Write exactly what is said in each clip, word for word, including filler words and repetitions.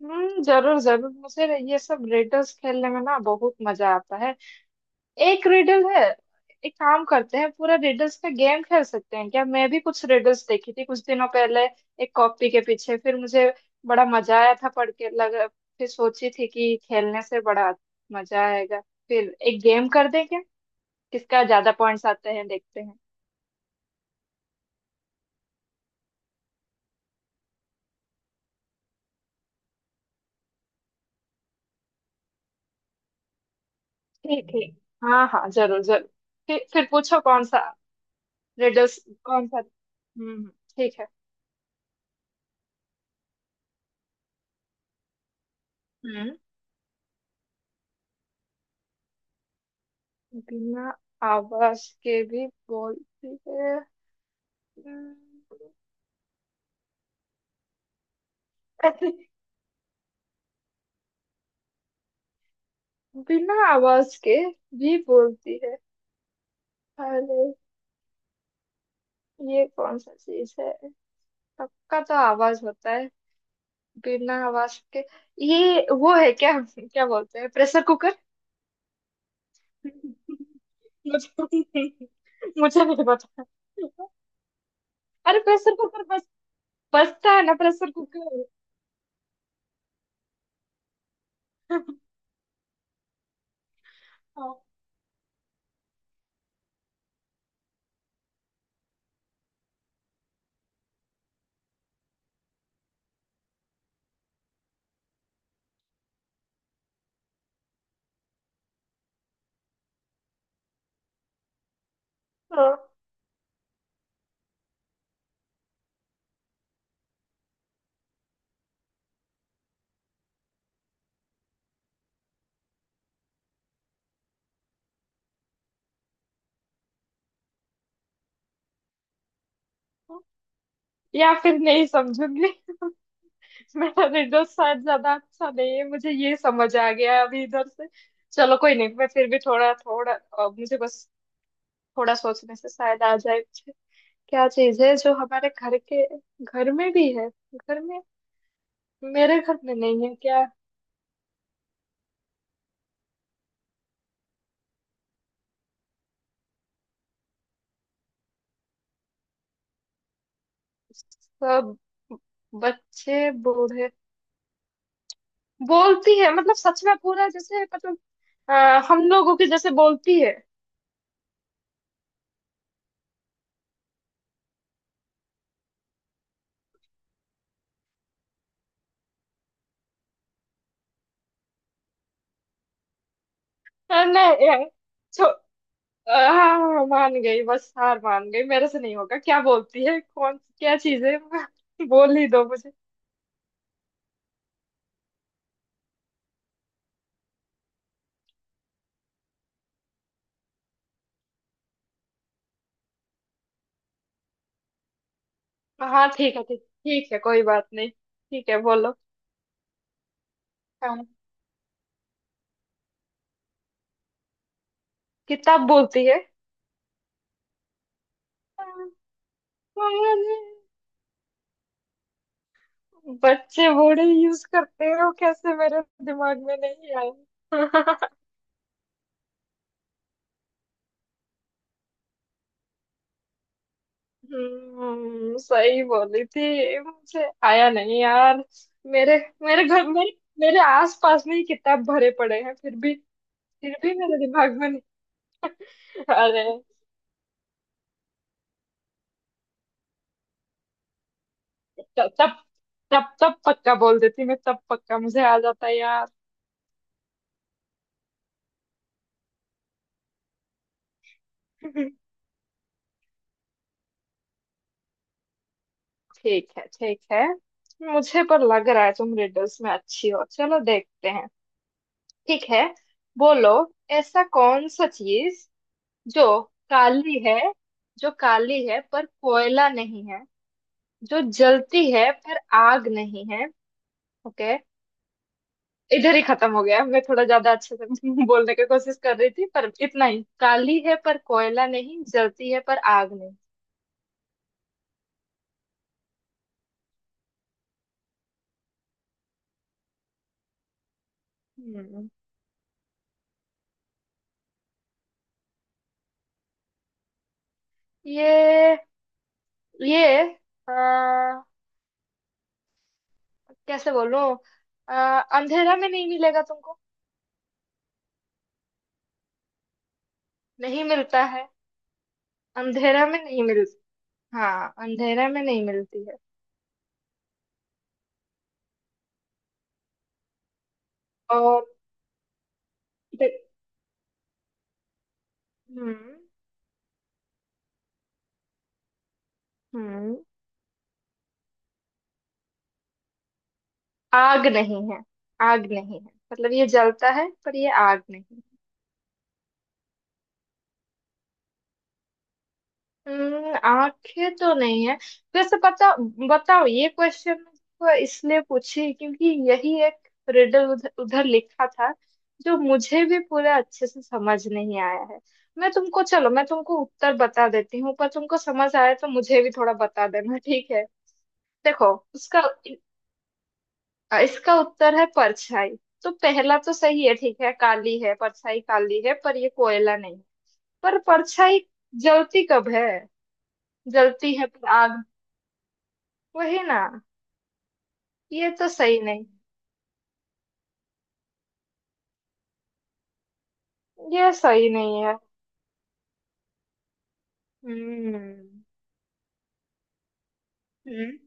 हम्म, जरूर जरूर। मुझे ये सब रिडल्स खेलने में ना बहुत मजा आता है। एक रिडल है। एक काम करते हैं, पूरा रिडल्स का गेम खेल सकते हैं क्या? मैं भी कुछ रिडल्स देखी थी कुछ दिनों पहले, एक कॉपी के पीछे। फिर मुझे बड़ा मजा आया था पढ़ के लग। फिर सोची थी कि खेलने से बड़ा मजा आएगा। फिर एक गेम कर दें क्या? किसका ज्यादा पॉइंट्स आते हैं देखते हैं। ठीक ठीक। हाँ हाँ, जरूर जरूर। फिर फिर पूछो कौन सा। रिडल्स कौन सा? हम्म हम्म, ठीक है। हम्म। बिना आवाज के भी बोलती है। हम्म। ऐसे बिना आवाज के भी बोलती है। अरे, ये कौन सा चीज है? सबका तो आवाज होता है। बिना आवाज के ये वो है, क्या क्या बोलते हैं, प्रेशर कुकर? मुझे मुझे नहीं पता। अरे प्रेशर कुकर! बस बजता है ना प्रेशर कुकर। हाँ, हाँ। या फिर नहीं समझूंगी। मेरा विंडोज शायद ज्यादा अच्छा नहीं है, मुझे ये समझ आ गया है अभी इधर से। चलो कोई नहीं, मैं फिर भी थोड़ा थोड़ा अ, मुझे बस थोड़ा सोचने से शायद आ जाए मुझे। क्या चीज है जो हमारे घर के घर में भी है? घर में मेरे घर में नहीं है क्या? सब बच्चे बूढ़े बोलती है मतलब सच में पूरा? जैसे मतलब अ, हम लोगों की जैसे बोलती है? अ, नहीं यार। आह, मान गई, बस हार मान गई, मेरे से नहीं होगा। क्या बोलती है, कौन, क्या चीज है? बोल ही दो मुझे। हाँ ठीक है, ठीक ठीक है, कोई बात नहीं, ठीक है, बोलो। हाँ, किताब बोलती है। अरे, बच्चे बूढ़े यूज करते हो, कैसे मेरे दिमाग में नहीं आया। हम्म, सही बोली थी, मुझे आया नहीं यार। मेरे मेरे घर, मेरे मेरे आस पास में ही किताब भरे पड़े हैं, फिर भी। फिर भी मेरे दिमाग में। अरे, तब तब तब तब पक्का बोल देती मैं, तब पक्का मुझे आ जाता यार। ठीक है ठीक है, मुझे पर लग रहा है तुम रिडल्स में अच्छी हो, चलो देखते हैं। ठीक है, बोलो। ऐसा कौन सा चीज जो काली है जो काली है पर कोयला नहीं है, जो जलती है पर आग नहीं है? ओके, इधर ही खत्म हो गया। मैं थोड़ा ज्यादा अच्छे से बोलने की कोशिश कर रही थी पर इतना ही। काली है पर कोयला नहीं, जलती है पर आग नहीं। हम्म। ये ये आ, कैसे बोलूं? आ, अंधेरा में नहीं मिलेगा तुमको। नहीं मिलता है। अंधेरा में नहीं मिलता। हाँ, अंधेरा में नहीं मिलती है। और दे- हम्म। हम्म। आग नहीं है। आग नहीं है मतलब ये जलता है पर ये आग नहीं। हम्म, आंखें तो नहीं है। वैसे पता बताओ, ये क्वेश्चन को इसलिए पूछी क्योंकि यही एक रिडल उधर, उधर लिखा था, जो मुझे भी पूरा अच्छे से समझ नहीं आया है। मैं तुमको चलो मैं तुमको उत्तर बता देती हूँ, पर तुमको समझ आया तो मुझे भी थोड़ा बता देना ठीक है। देखो, उसका इसका उत्तर है परछाई। तो पहला तो सही है, ठीक है, काली है परछाई, काली है पर ये कोयला नहीं। पर परछाई जलती कब है? जलती है पर आग, वही ना। ये तो सही नहीं। ये सही नहीं है। हम्म। हम्म,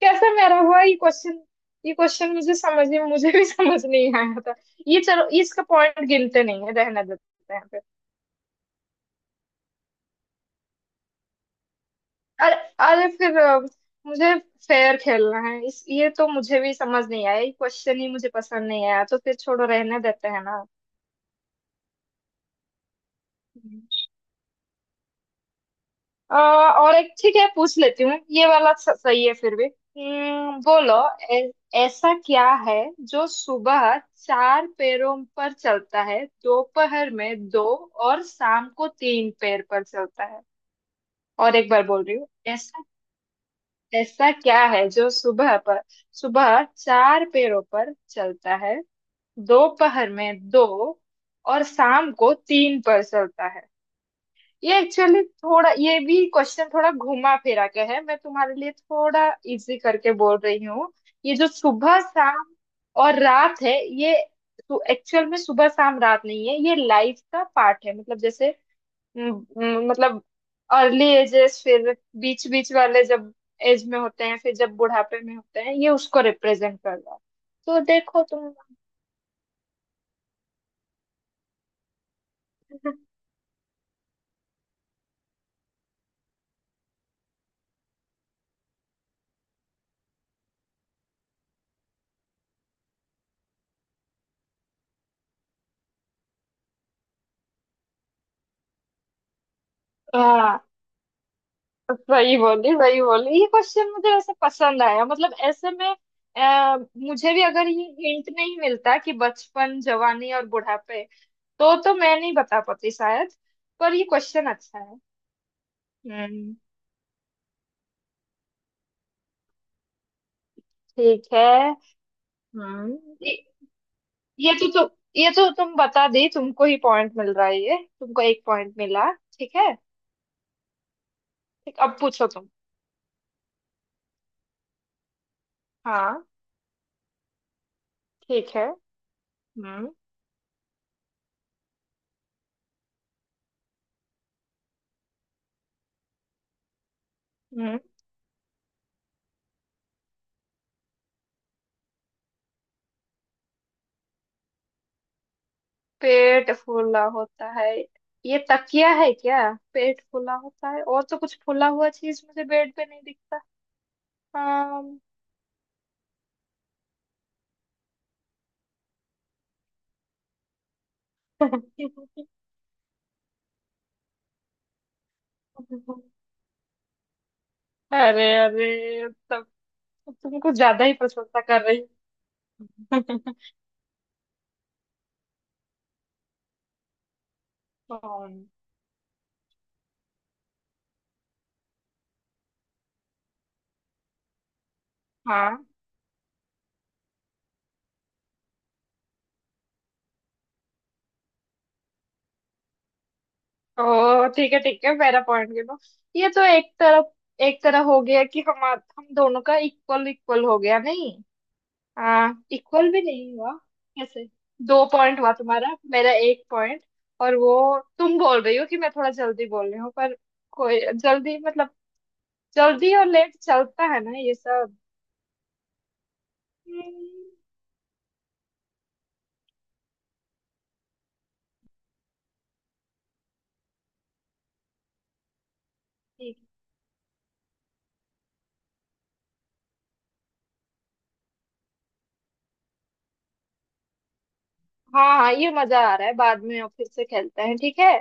कैसे मेरा हुआ ये क्वेश्चन? ये क्वेश्चन मुझे समझ नहीं, मुझे भी समझ नहीं आया था। ये चलो, इसका पॉइंट गिनते नहीं है, रहने देते हैं फिर। अरे अरे, फिर अ, मुझे फेयर खेलना है इस ये तो मुझे भी समझ नहीं आया, ये क्वेश्चन ही मुझे पसंद नहीं आया तो फिर छोड़ो, रहने देते हैं। ना। अ, और एक ठीक है पूछ लेती हूँ। ये वाला स- सही है फिर भी। हम्म, बोलो। ऐ- ऐसा क्या है जो सुबह चार पैरों पर चलता है, दोपहर में दो और शाम को तीन पैर पर चलता है? और एक बार बोल रही हूँ। ऐसा ऐसा क्या है जो सुबह पर सुबह चार पैरों पर चलता है, दोपहर में दो और शाम को तीन पर चलता है? ये एक्चुअली थोड़ा, ये भी क्वेश्चन थोड़ा घुमा फिरा के है, मैं तुम्हारे लिए थोड़ा इजी करके बोल रही हूँ। ये जो सुबह शाम और रात है, ये तो एक्चुअल में सुबह शाम रात नहीं है, ये लाइफ का पार्ट है मतलब जैसे। म, म, मतलब अर्ली एजेस, फिर बीच बीच वाले जब एज में होते हैं, फिर जब बुढ़ापे में होते हैं, ये उसको रिप्रेजेंट कर रहा है। तो देखो तुम। हाँ, वही बोली, वही बोली। ये क्वेश्चन मुझे वैसे पसंद आया, मतलब ऐसे में। आ, मुझे भी अगर ये हिंट नहीं मिलता कि बचपन जवानी और बुढ़ापे, तो तो मैं नहीं बता पाती शायद। पर ये क्वेश्चन अच्छा है। हम्म, ठीक है। हम्म। ये, ये तो तु, ये तो तुम बता दी, तुमको ही पॉइंट मिल रहा है, ये तुमको एक पॉइंट मिला, ठीक है। ठीक, अब पूछो तुम। हाँ ठीक है। हम्म। हम्म, पेट फूला होता है? ये तकिया है क्या? पेट फूला होता है और तो कुछ फूला हुआ चीज मुझे बेड पे नहीं दिखता। अम, अरे अरे तब, तुम कुछ ज्यादा ही प्रशंसा कर रही हो। कौन? हाँ। ओ ठीक है ठीक है, मेरा पॉइंट गिनो। ये तो एक तरफ एक तरह हो गया कि हम हम दोनों का इक्वल इक्वल हो गया नहीं। हाँ, इक्वल भी नहीं हुआ। कैसे? दो पॉइंट हुआ तुम्हारा, मेरा एक पॉइंट। और वो, तुम बोल रही हो कि मैं थोड़ा जल्दी बोल रही हूँ पर कोई जल्दी मतलब, जल्दी और लेट चलता है ना ये सब। हम्म, ठीक। हाँ हाँ, ये मजा आ रहा है, बाद में और फिर से खेलते हैं ठीक है।